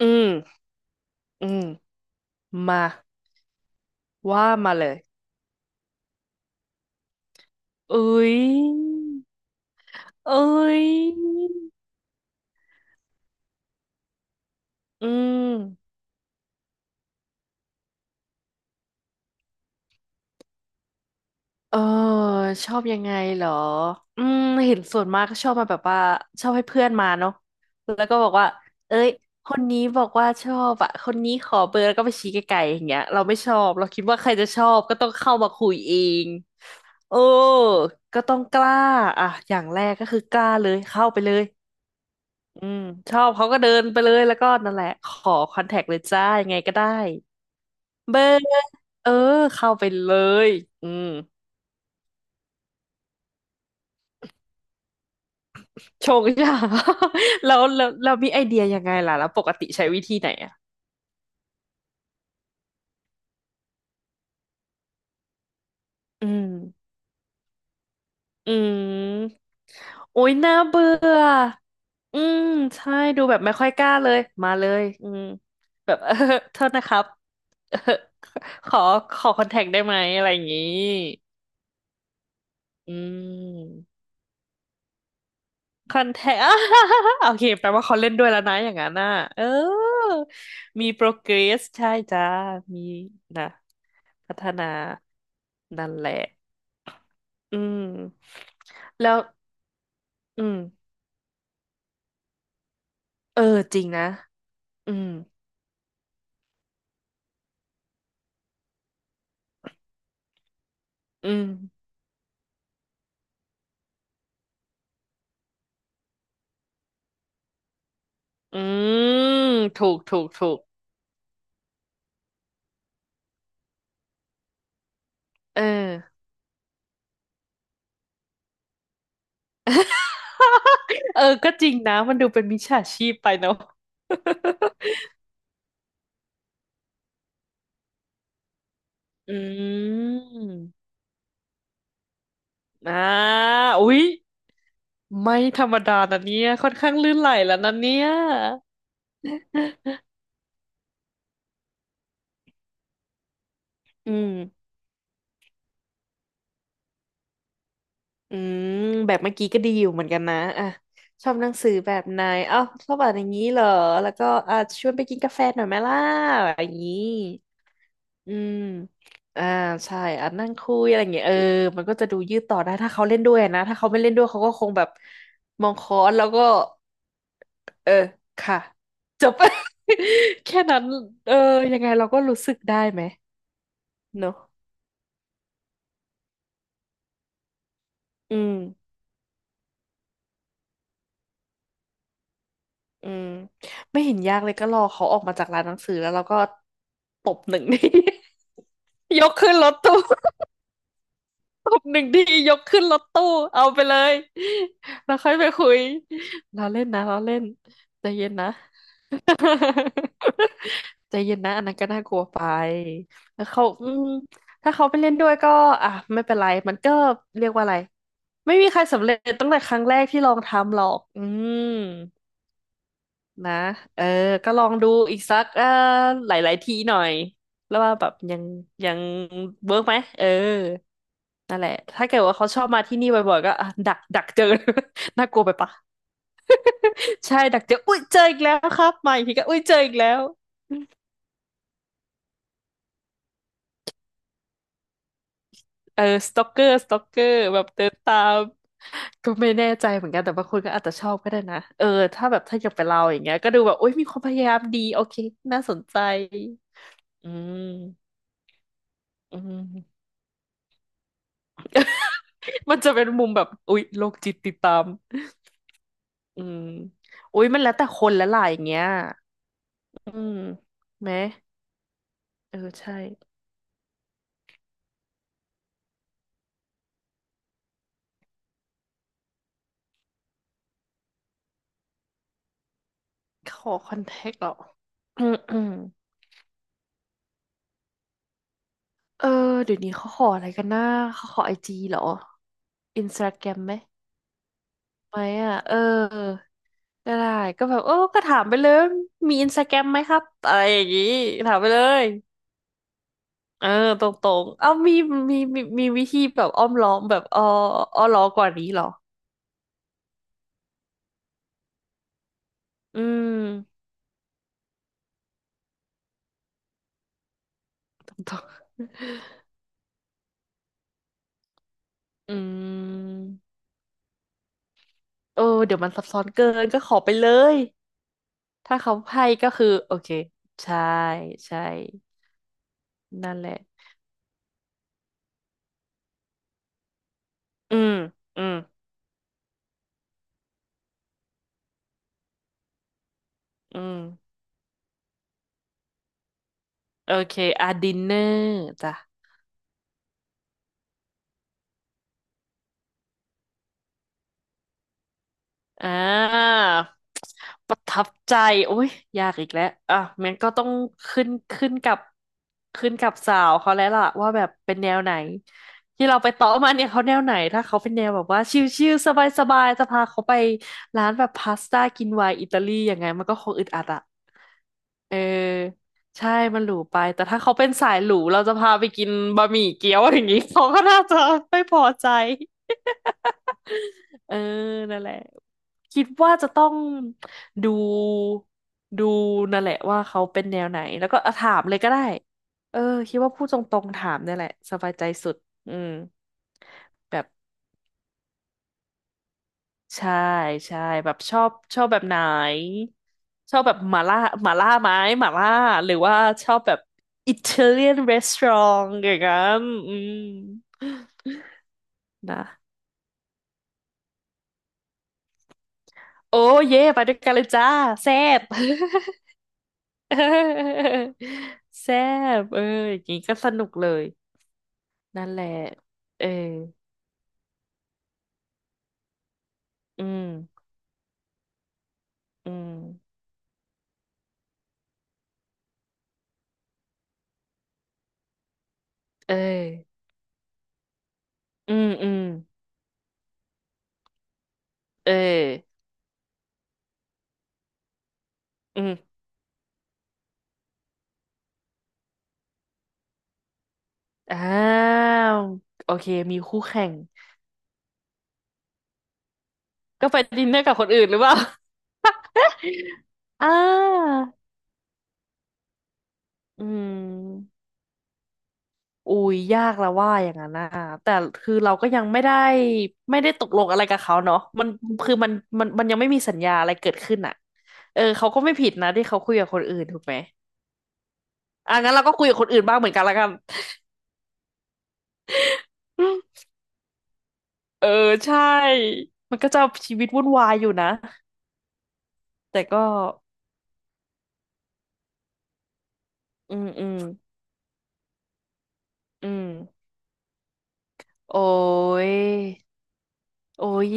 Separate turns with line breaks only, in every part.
อืมอืมมาว่ามาเลยเอ้ยเอ้ยอืมเออชอบยังไงเหรออืมเห็นส่วนมากก็ชอบมาแบบว่าชอบให้เพื่อนมาเนาะแล้วก็บอกว่าเอ้ยคนนี้บอกว่าชอบอะคนนี้ขอเบอร์แล้วก็ไปชี้ไกลๆอย่างเงี้ยเราไม่ชอบเราคิดว่าใครจะชอบก็ต้องเข้ามาคุยเองโอ้ก็ต้องกล้าอ่ะอย่างแรกก็คือกล้าเลยเข้าไปเลย อืมชอบเขาก็เดินไปเลยแล้วก็นั่นแหละขอคอนแทคเลยจ้ายังไงก็ได้เบอร์เออเข้าไปเลยอืมชงจ้า แล้วเรามีไอเดียยังไงล่ะแล้วปกติใช้วิธีไหนอ่ะอืมอืมโอ้ยน่าเบื่ออืมใช่ดูแบบไม่ค่อยกล้าเลยมาเลยอืมแบบ เออโทษนะครับ เออขอขอคอนแทคได้ไหมอะไรอย่างงี้อืม คอนแทค โอเคแปลว่าเขาเล่นด้วยแล้วนะอย่างนั้นน่ะเออมี progress ใช่จ้ามีนะพัฒนานั่นแหละอืมแล้วอืมเออจริงนะอืมอืมอืมถูกถูกถูกเออ เออก็จริงนะมันดูเป็นมิจฉาชีพไปเนาะ อืมอ่าอุ๊ย ไม่ธรรมดานะเนี่ยค่อนข้างลื่นไหลแล้วนะเนี่ยอืมอืมแบบเมื่อกี้ก็ดีอยู่เหมือนกันนะอ่ะชอบหนังสือแบบไหนอ้าวชอบอ่านอย่างนี้เหรอแล้วก็อ่ะชวนไปกินกาแฟหน่อยไหมล่ะอย่างนี้อืมอ่าใช่อ่ะนั่งคุยอะไรอย่างเงี้ยเออมันก็จะดูยืดต่อได้ถ้าเขาเล่นด้วยนะถ้าเขาไม่เล่นด้วยเขาก็คงแบบมองค้อนแล้วก็เออค่ะจบ แค่นั้นเออยังไงเราก็รู้สึกได้ไหมเนอะอืม อืมไม่เห็นยากเลยก็รอเขาออกมาจากร้านหนังสือแล้วเราก็ตบหนึ่งที ยกขึ้นรถตู้ ตบหนึ่งทียกขึ้นรถตู้เอาไปเลยแล้วค่อยไปคุยเราเล่นนะเราเล่นใจเย็นนะ ใจเย็นนะอันนั้นก็น่ากลัวไปแล้วเขาอืมถ้าเขาไปเล่นด้วยก็อ่ะไม่เป็นไรมันก็เรียกว่าอะไรไม่มีใครสำเร็จตั้งแต่ครั้งแรกที่ลองทำหรอกอืม นะเออก็ลองดูอีกสักหลายๆทีหน่อยแล้วว่าแบบยังเวิร์กไหมเออนั่นแหละถ้าเกิดว่าเขาชอบมาที่นี่บ่อยๆก็อ่ะดักเจอ น่ากลัวไปปะใช่ดักเจออุ้ยเจออีกแล้วครับมาอีกทีก็อุ้ยเจออีกแล้วเออสต็อกเกอร์แบบเดินตามก็ไม่แน่ใจเหมือนกันแต่บางคนก็อาจจะชอบก็ได้นะเออถ้าแบบถ้าอย่างเป็นเราอย่างเงี้ยก็ดูแบบอุ้ยมีความพยายามดีโอเคน่าสนใจอืมอืม มันจะเป็นมุมแบบอุ๊ยโรคจิตติดตาม อืมอุ๊ยมันแล้วแต่คนและหลายอย่างเงี้ย อืมไหมเออใช่ขอคอนแทคเหรอ อืมเออเดี๋ยวนี้เขาขออะไรกันนะเขาขอไอจีเหรออินสตาแกรมไหมไหมอ่ะเออได้ก็แบบเออก็ถามไปเลยมีอินสตาแกรมไหมครับอะไรอย่างงี้ถามไปเลยเออตรงๆเอ้ามีมีวิธีแบบอ้อมล้อมแบบอ้อล้อมกว่านนี้เหรออืม ต่ออืมเออเดี๋ยวมันซับซ้อนเกินก็ขอไปเลย ถ้าเขาให้ก็คือโอเค ใช่ ใช่ นั่นแหละ อืม อืม อืม โอเคอ่ะดินเนอร์จ้ะ อ่าประทับใจโอ้ยยากอีกแล้วอ่ะมันก็ต้องขึ้นกับขึ้นกับสาวเขาแล้วล่ะว่าแบบเป็นแนวไหนที่เราไปต่อมาเนี่ยเขาแนวไหนถ้าเขาเป็นแนวแบบว่าชิลๆสบายๆจะพาเขาไปร้านแบบพาสต้ากินไวน์อิตาลีอย่างไงมันก็คงอึดอัดอะเออใช่มันหรูไปแต่ถ้าเขาเป็นสายหรูเราจะพาไปกินบะหมี่เกี๊ยวอย่างนี้เขาก็น่าจะไม่พอใจ เออนั่นแหละ คิดว่าจะต้องดูดูนั่นแหละว่าเขาเป็นแนวไหนแล้วก็อ่ะถามเลยก็ได้เออคิดว่าพูดตรงๆถามเนี่ยแหละสบายใจสุดอืมแบบใช่ใช่แบบชอบชอบแบบไหนชอบแบบหม่าล่าไหมหม่าล่าหรือว่าชอบแบบอิตาเลียนรีสอร์ทอย่างนั้นอืมนะโอ้เย่ไปด้วยกันเลยจ้าแซ่บ เออแซ่บเอออย่างนี้ก็สนุกเลยนั่นแหละเอออืมอืมเอออืมอืมเอออืมอ้าวโอเคมีคู่แข่งก็ไปดินเนอร์กับคนอื่นหรือเปล่า อ่าอืมอุ้ยยากแล้วว่าอย่างนั้นนะแต่คือเราก็ยังไม่ได้ตกลงอะไรกับเขาเนาะมันคือมันยังไม่มีสัญญาอะไรเกิดขึ้นอ่ะเออเขาก็ไม่ผิดนะที่เขาคุยกับคนอื่นถูกไหม อ่ะงั้นเราก็คุยกับคนอื่นบ้างเหมือนกันละกันเออใช่ มันก็จะชีวิตวุ่นวายอยู่นะแต่ก็อืมอืมอืมโอ้ยโอ้ย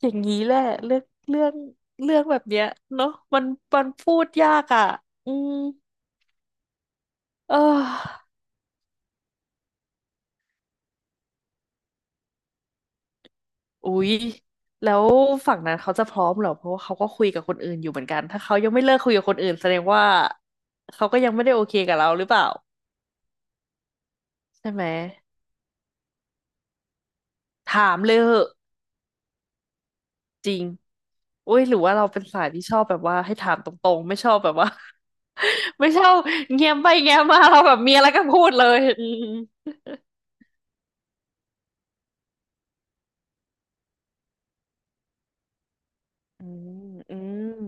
อย่างนี้แหละเรื่องเรื่องเรื่องแบบเนี้ยเนาะมันพูดยากอ่ะอืมเอออุ๊ยแล้วฝั่งนั้นเขาจะพร้อมเหรอเพราะว่าเขาก็คุยกับคนอื่นอยู่เหมือนกันถ้าเขายังไม่เลิกคุยกับคนอื่นแสดงว่าเขาก็ยังไม่ได้โอเคกับเราหรือเปล่าใช่ไหมถามเลยเหอะ จริงโอ้ยหรือว่าเราเป็นสายที่ชอบแบบว่าให้ถามตรงๆ ไม่ชอบแบบว่า ไม่ชอบเงียบไปเงียบมาเราแบบมีอะไรก็พูดเลยอืมอืม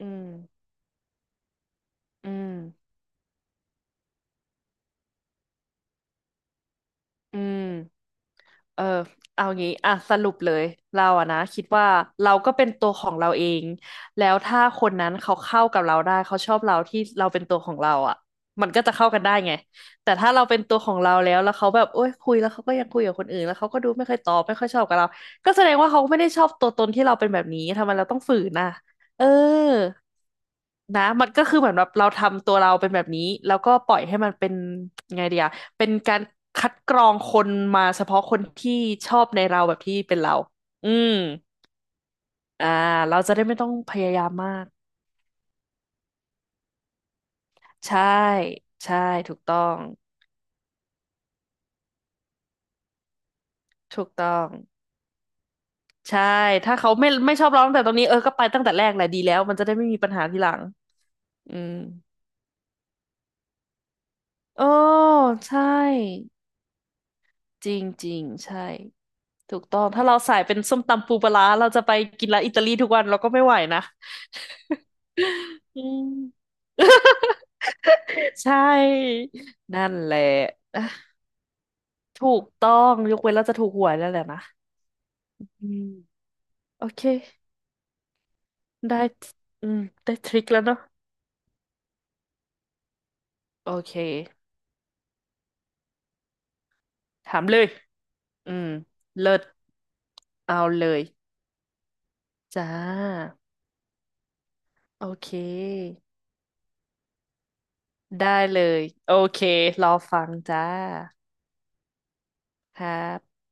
อืมอืมอืมอืม เออเอางี้อ่ะสรุปเลยเราอะนะคิดว่าเราก็เป็นตัวของเราเองแล้วถ้าคนนั้นเขาเข้ากับเราได้เขาชอบเราที่เราเป็นตัวของเราอะมันก็จะเข้ากันได้ไงแต่ถ้าเราเป็นตัวของเราแล้วเขาแบบโอ้ยคุยแล้วเขาก็ยังคุยกับคนอื่นแล้วเขาก็ดูไม่เคยตอบไม่ค่อยชอบกับเราก็แสดงว่าเขาไม่ได้ชอบตัวตนที่เราเป็นแบบนี้ทำไมเราต้องฝืนอ่ะเออนะมันก็คือเหมือนแบบเราทำตัวเราเป็นแบบนี้แล้วก็ปล่อยให้มันเป็นไงเดีย เป็นการคัดกรองคนมาเฉพาะคนที่ชอบในเราแบบที่เป็นเรา อืม อ่า เราจะได้ไม่ต้องพยายามมาก ใช่ ใช่ถูกต้องถูกต้อง ใช่ ถ้าเขาไม่ชอบเราตั้งแต่ตรงนี้เออ ก็ไปตั้งแต่แรกแหละดีแล้วมันจะได้ไม่มีปัญหาทีหลังอืมโอ้ใช่จริงจริงใช่ถูกต้องถ้าเราสายเป็นส้มตำปูปลาร้าเราจะไปกินร้านอิตาลีทุกวันเราก็ไม่ไหวนะ อืม ใช่ นั่นแหละ ถูกต้องยกเว้นเราจะถูกหวยแล้วแหละนะอืมโอเค ได้อืมได้ทริคแล้วเนาะโอเค ถามเลย อืม เลิศเอาเลยจ้าโอเค ได้เลย โอเค รอฟังจ้าครับ